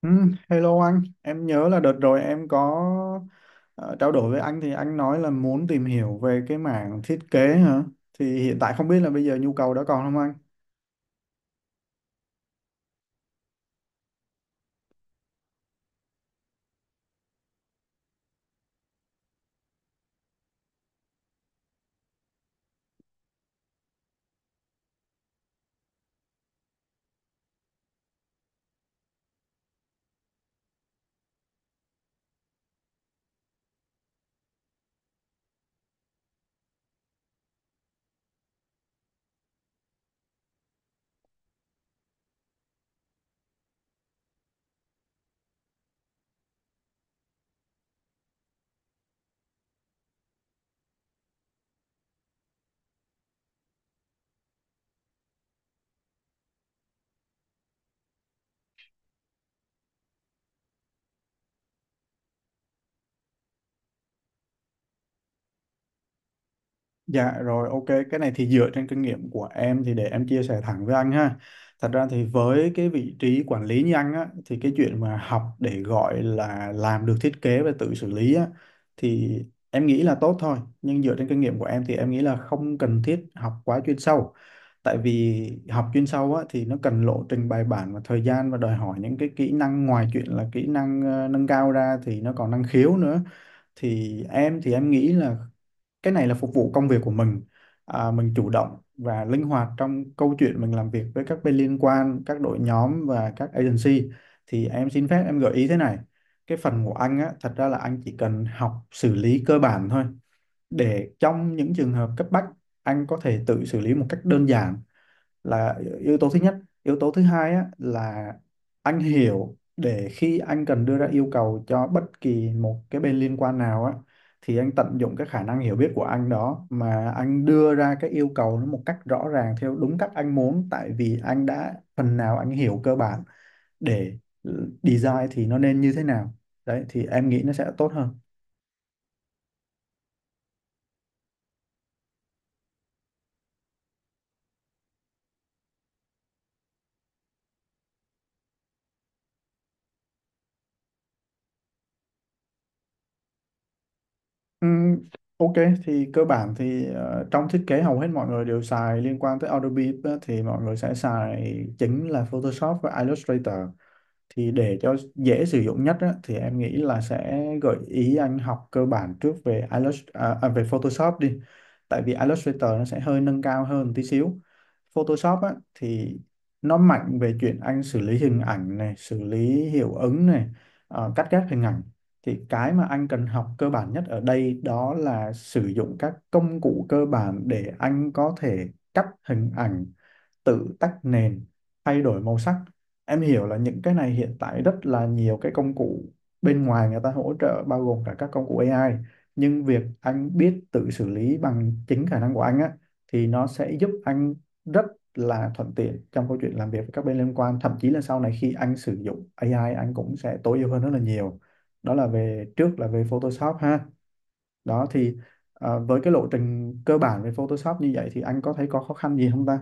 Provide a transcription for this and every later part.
Ừ, hello anh, em nhớ là đợt rồi em có ờ, trao đổi với anh thì anh nói là muốn tìm hiểu về cái mảng thiết kế hả? Thì hiện tại không biết là bây giờ nhu cầu đó còn không anh? Dạ, rồi, ok, cái này thì dựa trên kinh nghiệm của em thì để em chia sẻ thẳng với anh ha. Thật ra thì với cái vị trí quản lý như anh á, thì cái chuyện mà học để gọi là làm được thiết kế và tự xử lý á, thì em nghĩ là tốt thôi, nhưng dựa trên kinh nghiệm của em thì em nghĩ là không cần thiết học quá chuyên sâu. Tại vì học chuyên sâu á thì nó cần lộ trình bài bản và thời gian và đòi hỏi những cái kỹ năng ngoài chuyện là kỹ năng nâng cao ra thì nó còn năng khiếu nữa. Thì em nghĩ là cái này là phục vụ công việc của mình. À, mình chủ động và linh hoạt trong câu chuyện mình làm việc với các bên liên quan, các đội nhóm và các agency. Thì em xin phép em gợi ý thế này, cái phần của anh á thật ra là anh chỉ cần học xử lý cơ bản thôi, để trong những trường hợp cấp bách anh có thể tự xử lý một cách đơn giản, là yếu tố thứ nhất. Yếu tố thứ hai á, là anh hiểu để khi anh cần đưa ra yêu cầu cho bất kỳ một cái bên liên quan nào á, thì anh tận dụng cái khả năng hiểu biết của anh đó mà anh đưa ra cái yêu cầu nó một cách rõ ràng theo đúng cách anh muốn, tại vì anh đã phần nào anh hiểu cơ bản để design thì nó nên như thế nào. Đấy thì em nghĩ nó sẽ tốt hơn. Ừm, ok, thì cơ bản thì trong thiết kế hầu hết mọi người đều xài liên quan tới Adobe á, thì mọi người sẽ xài chính là Photoshop và Illustrator. Thì để cho dễ sử dụng nhất á, thì em nghĩ là sẽ gợi ý anh học cơ bản trước về về Photoshop đi, tại vì Illustrator nó sẽ hơi nâng cao hơn tí xíu. Photoshop á, thì nó mạnh về chuyện anh xử lý hình ảnh này, xử lý hiệu ứng này, cắt ghép hình ảnh. Thì cái mà anh cần học cơ bản nhất ở đây đó là sử dụng các công cụ cơ bản để anh có thể cắt hình ảnh, tự tách nền, thay đổi màu sắc. Em hiểu là những cái này hiện tại rất là nhiều cái công cụ bên ngoài người ta hỗ trợ bao gồm cả các công cụ AI, nhưng việc anh biết tự xử lý bằng chính khả năng của anh á thì nó sẽ giúp anh rất là thuận tiện trong câu chuyện làm việc với các bên liên quan, thậm chí là sau này khi anh sử dụng AI anh cũng sẽ tối ưu hơn rất là nhiều. Đó là về trước là về Photoshop ha. Đó thì à, với cái lộ trình cơ bản về Photoshop như vậy thì anh có thấy có khó khăn gì không ta?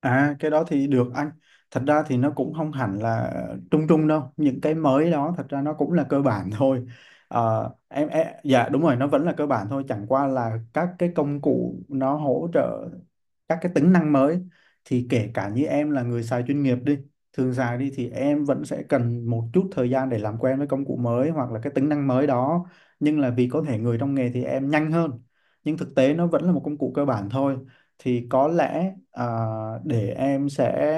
À, cái đó thì được anh. Thật ra thì nó cũng không hẳn là trung trung đâu. Những cái mới đó thật ra nó cũng là cơ bản thôi. Dạ đúng rồi, nó vẫn là cơ bản thôi. Chẳng qua là các cái công cụ nó hỗ trợ các cái tính năng mới. Thì kể cả như em là người xài chuyên nghiệp đi, thường xài đi, thì em vẫn sẽ cần một chút thời gian để làm quen với công cụ mới hoặc là cái tính năng mới đó. Nhưng là vì có thể người trong nghề thì em nhanh hơn, nhưng thực tế nó vẫn là một công cụ cơ bản thôi. Thì có lẽ để em sẽ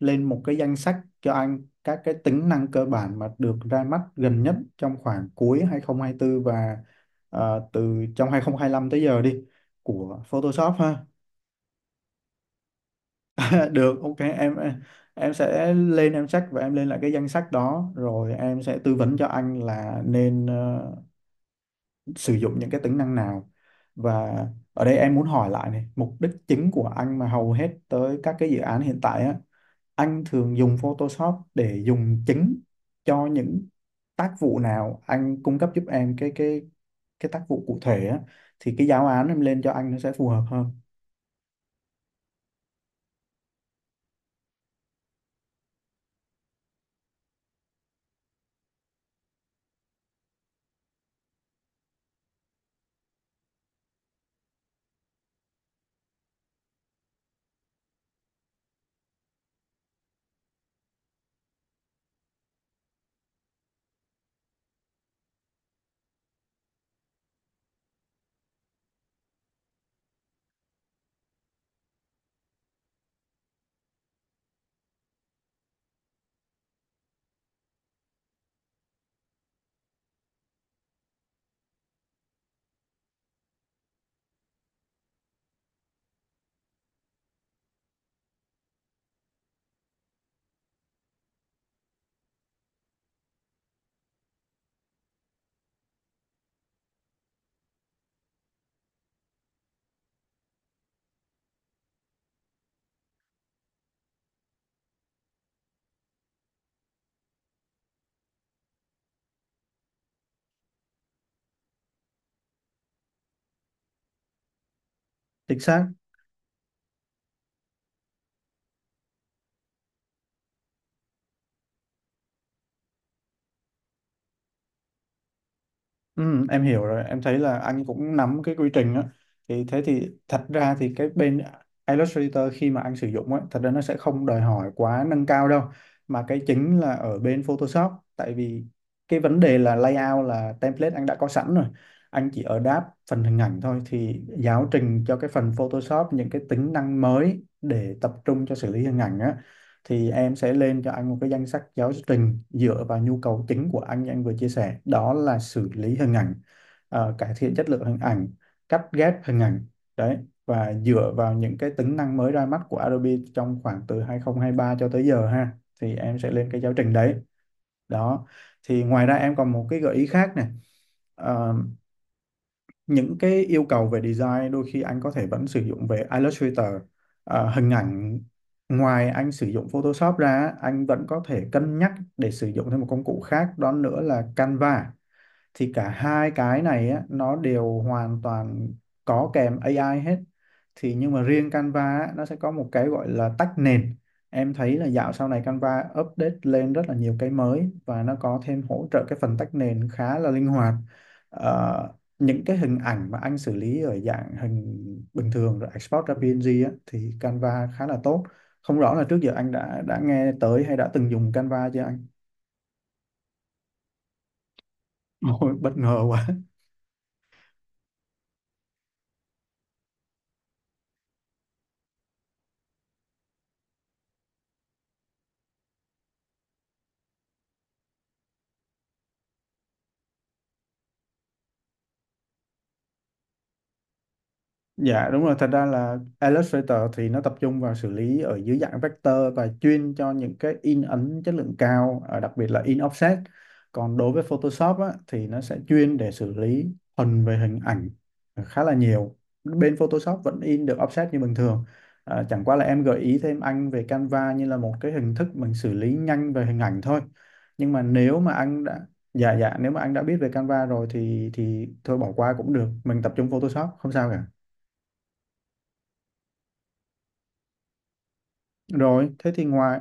lên một cái danh sách cho anh các cái tính năng cơ bản mà được ra mắt gần nhất trong khoảng cuối 2024 và à, từ trong 2025 tới giờ đi, của Photoshop ha. Được, ok, em sẽ lên, em check và em lên lại cái danh sách đó rồi em sẽ tư vấn cho anh là nên sử dụng những cái tính năng nào. Và ở đây em muốn hỏi lại này, mục đích chính của anh mà hầu hết tới các cái dự án hiện tại á, anh thường dùng Photoshop để dùng chính cho những tác vụ nào, anh cung cấp giúp em cái cái tác vụ cụ thể á, thì cái giáo án em lên cho anh nó sẽ phù hợp hơn. Chính xác. Ừ, em hiểu rồi, em thấy là anh cũng nắm cái quy trình á. Thì thế thì thật ra thì cái bên Illustrator khi mà anh sử dụng á, thật ra nó sẽ không đòi hỏi quá nâng cao đâu. Mà cái chính là ở bên Photoshop, tại vì cái vấn đề là layout, là template anh đã có sẵn rồi. Anh chỉ ở đáp phần hình ảnh thôi, thì giáo trình cho cái phần Photoshop những cái tính năng mới để tập trung cho xử lý hình ảnh á, thì em sẽ lên cho anh một cái danh sách giáo trình dựa vào nhu cầu chính của anh như anh vừa chia sẻ, đó là xử lý hình ảnh, cải thiện chất lượng hình ảnh, cắt ghép hình ảnh. Đấy, và dựa vào những cái tính năng mới ra mắt của Adobe trong khoảng từ 2023 cho tới giờ ha, thì em sẽ lên cái giáo trình đấy. Đó thì ngoài ra em còn một cái gợi ý khác này. Ờ, những cái yêu cầu về design đôi khi anh có thể vẫn sử dụng về Illustrator. Hình ảnh, ngoài anh sử dụng Photoshop ra, anh vẫn có thể cân nhắc để sử dụng thêm một công cụ khác đó nữa là Canva. Thì cả hai cái này á, nó đều hoàn toàn có kèm AI hết. Thì nhưng mà riêng Canva á, nó sẽ có một cái gọi là tách nền. Em thấy là dạo sau này Canva update lên rất là nhiều cái mới và nó có thêm hỗ trợ cái phần tách nền khá là linh hoạt. Ờ, những cái hình ảnh mà anh xử lý ở dạng hình bình thường rồi export ra PNG á, thì Canva khá là tốt. Không rõ là trước giờ anh đã nghe tới hay đã từng dùng Canva chưa anh? Ôi, bất ngờ quá. Dạ đúng rồi, thật ra là Illustrator thì nó tập trung vào xử lý ở dưới dạng vector và chuyên cho những cái in ấn chất lượng cao, đặc biệt là in offset. Còn đối với Photoshop á, thì nó sẽ chuyên để xử lý thuần về hình ảnh khá là nhiều. Bên Photoshop vẫn in được offset như bình thường. Ờ, chẳng qua là em gợi ý thêm anh về Canva như là một cái hình thức mình xử lý nhanh về hình ảnh thôi. Nhưng mà nếu mà anh đã Dạ dạ, nếu mà anh đã biết về Canva rồi thì thôi bỏ qua cũng được, mình tập trung Photoshop không sao cả. Rồi, thế thì ngoài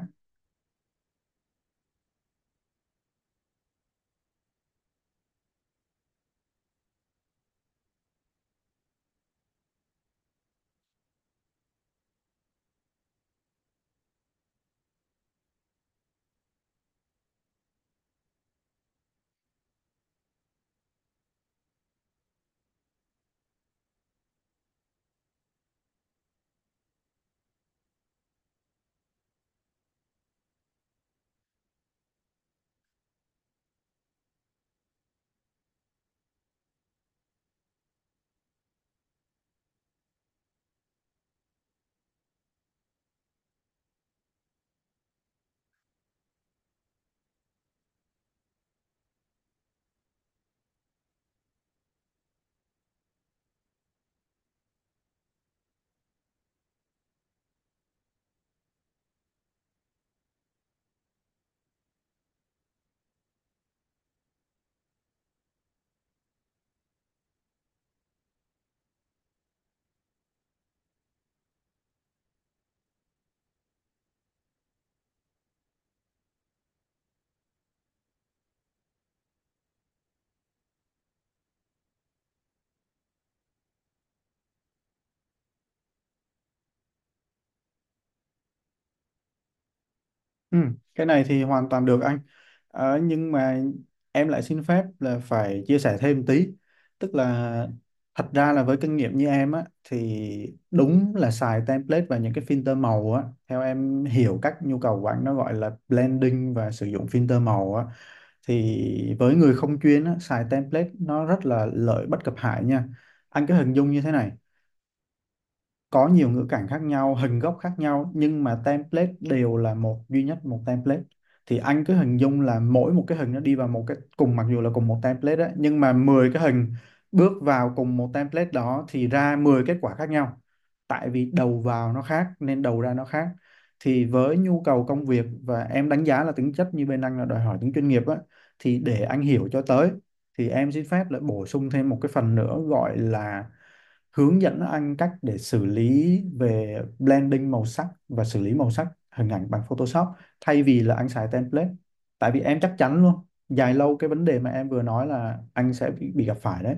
ừ, cái này thì hoàn toàn được anh. Ờ, nhưng mà em lại xin phép là phải chia sẻ thêm tí. Tức là thật ra là với kinh nghiệm như em á thì đúng là xài template và những cái filter màu á, theo em hiểu các nhu cầu của anh nó gọi là blending và sử dụng filter màu á, thì với người không chuyên á, xài template nó rất là lợi bất cập hại nha. Anh cứ hình dung như thế này, có nhiều ngữ cảnh khác nhau, hình gốc khác nhau, nhưng mà template đều là một, duy nhất một template, thì anh cứ hình dung là mỗi một cái hình nó đi vào một cái cùng, mặc dù là cùng một template đấy, nhưng mà 10 cái hình bước vào cùng một template đó thì ra 10 kết quả khác nhau, tại vì đầu vào nó khác nên đầu ra nó khác. Thì với nhu cầu công việc và em đánh giá là tính chất như bên anh là đòi hỏi tính chuyên nghiệp á, thì để anh hiểu cho tới, thì em xin phép lại bổ sung thêm một cái phần nữa gọi là hướng dẫn anh cách để xử lý về blending màu sắc và xử lý màu sắc hình ảnh bằng Photoshop thay vì là anh xài template. Tại vì em chắc chắn luôn, dài lâu cái vấn đề mà em vừa nói là anh sẽ bị gặp phải đấy.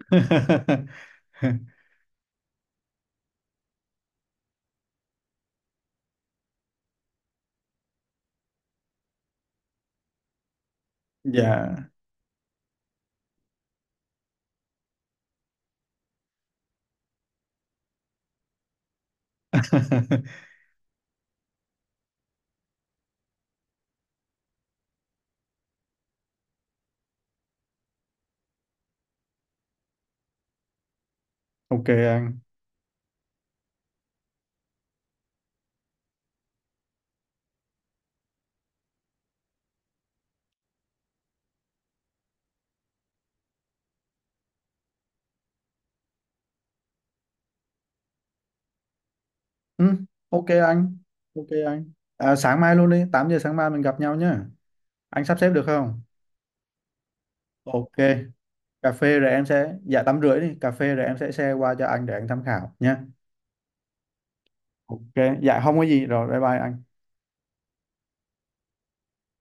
Dạ. Ok anh. Ừ, ok anh. Ok anh, à, sáng mai luôn đi, 8 giờ sáng mai mình gặp nhau nhá, anh sắp xếp được không? Ok. cà phê rồi em sẽ Dạ, 8 rưỡi đi cà phê rồi em sẽ share qua cho anh để anh tham khảo nhá. Ok. Dạ không có gì, rồi bye bye anh.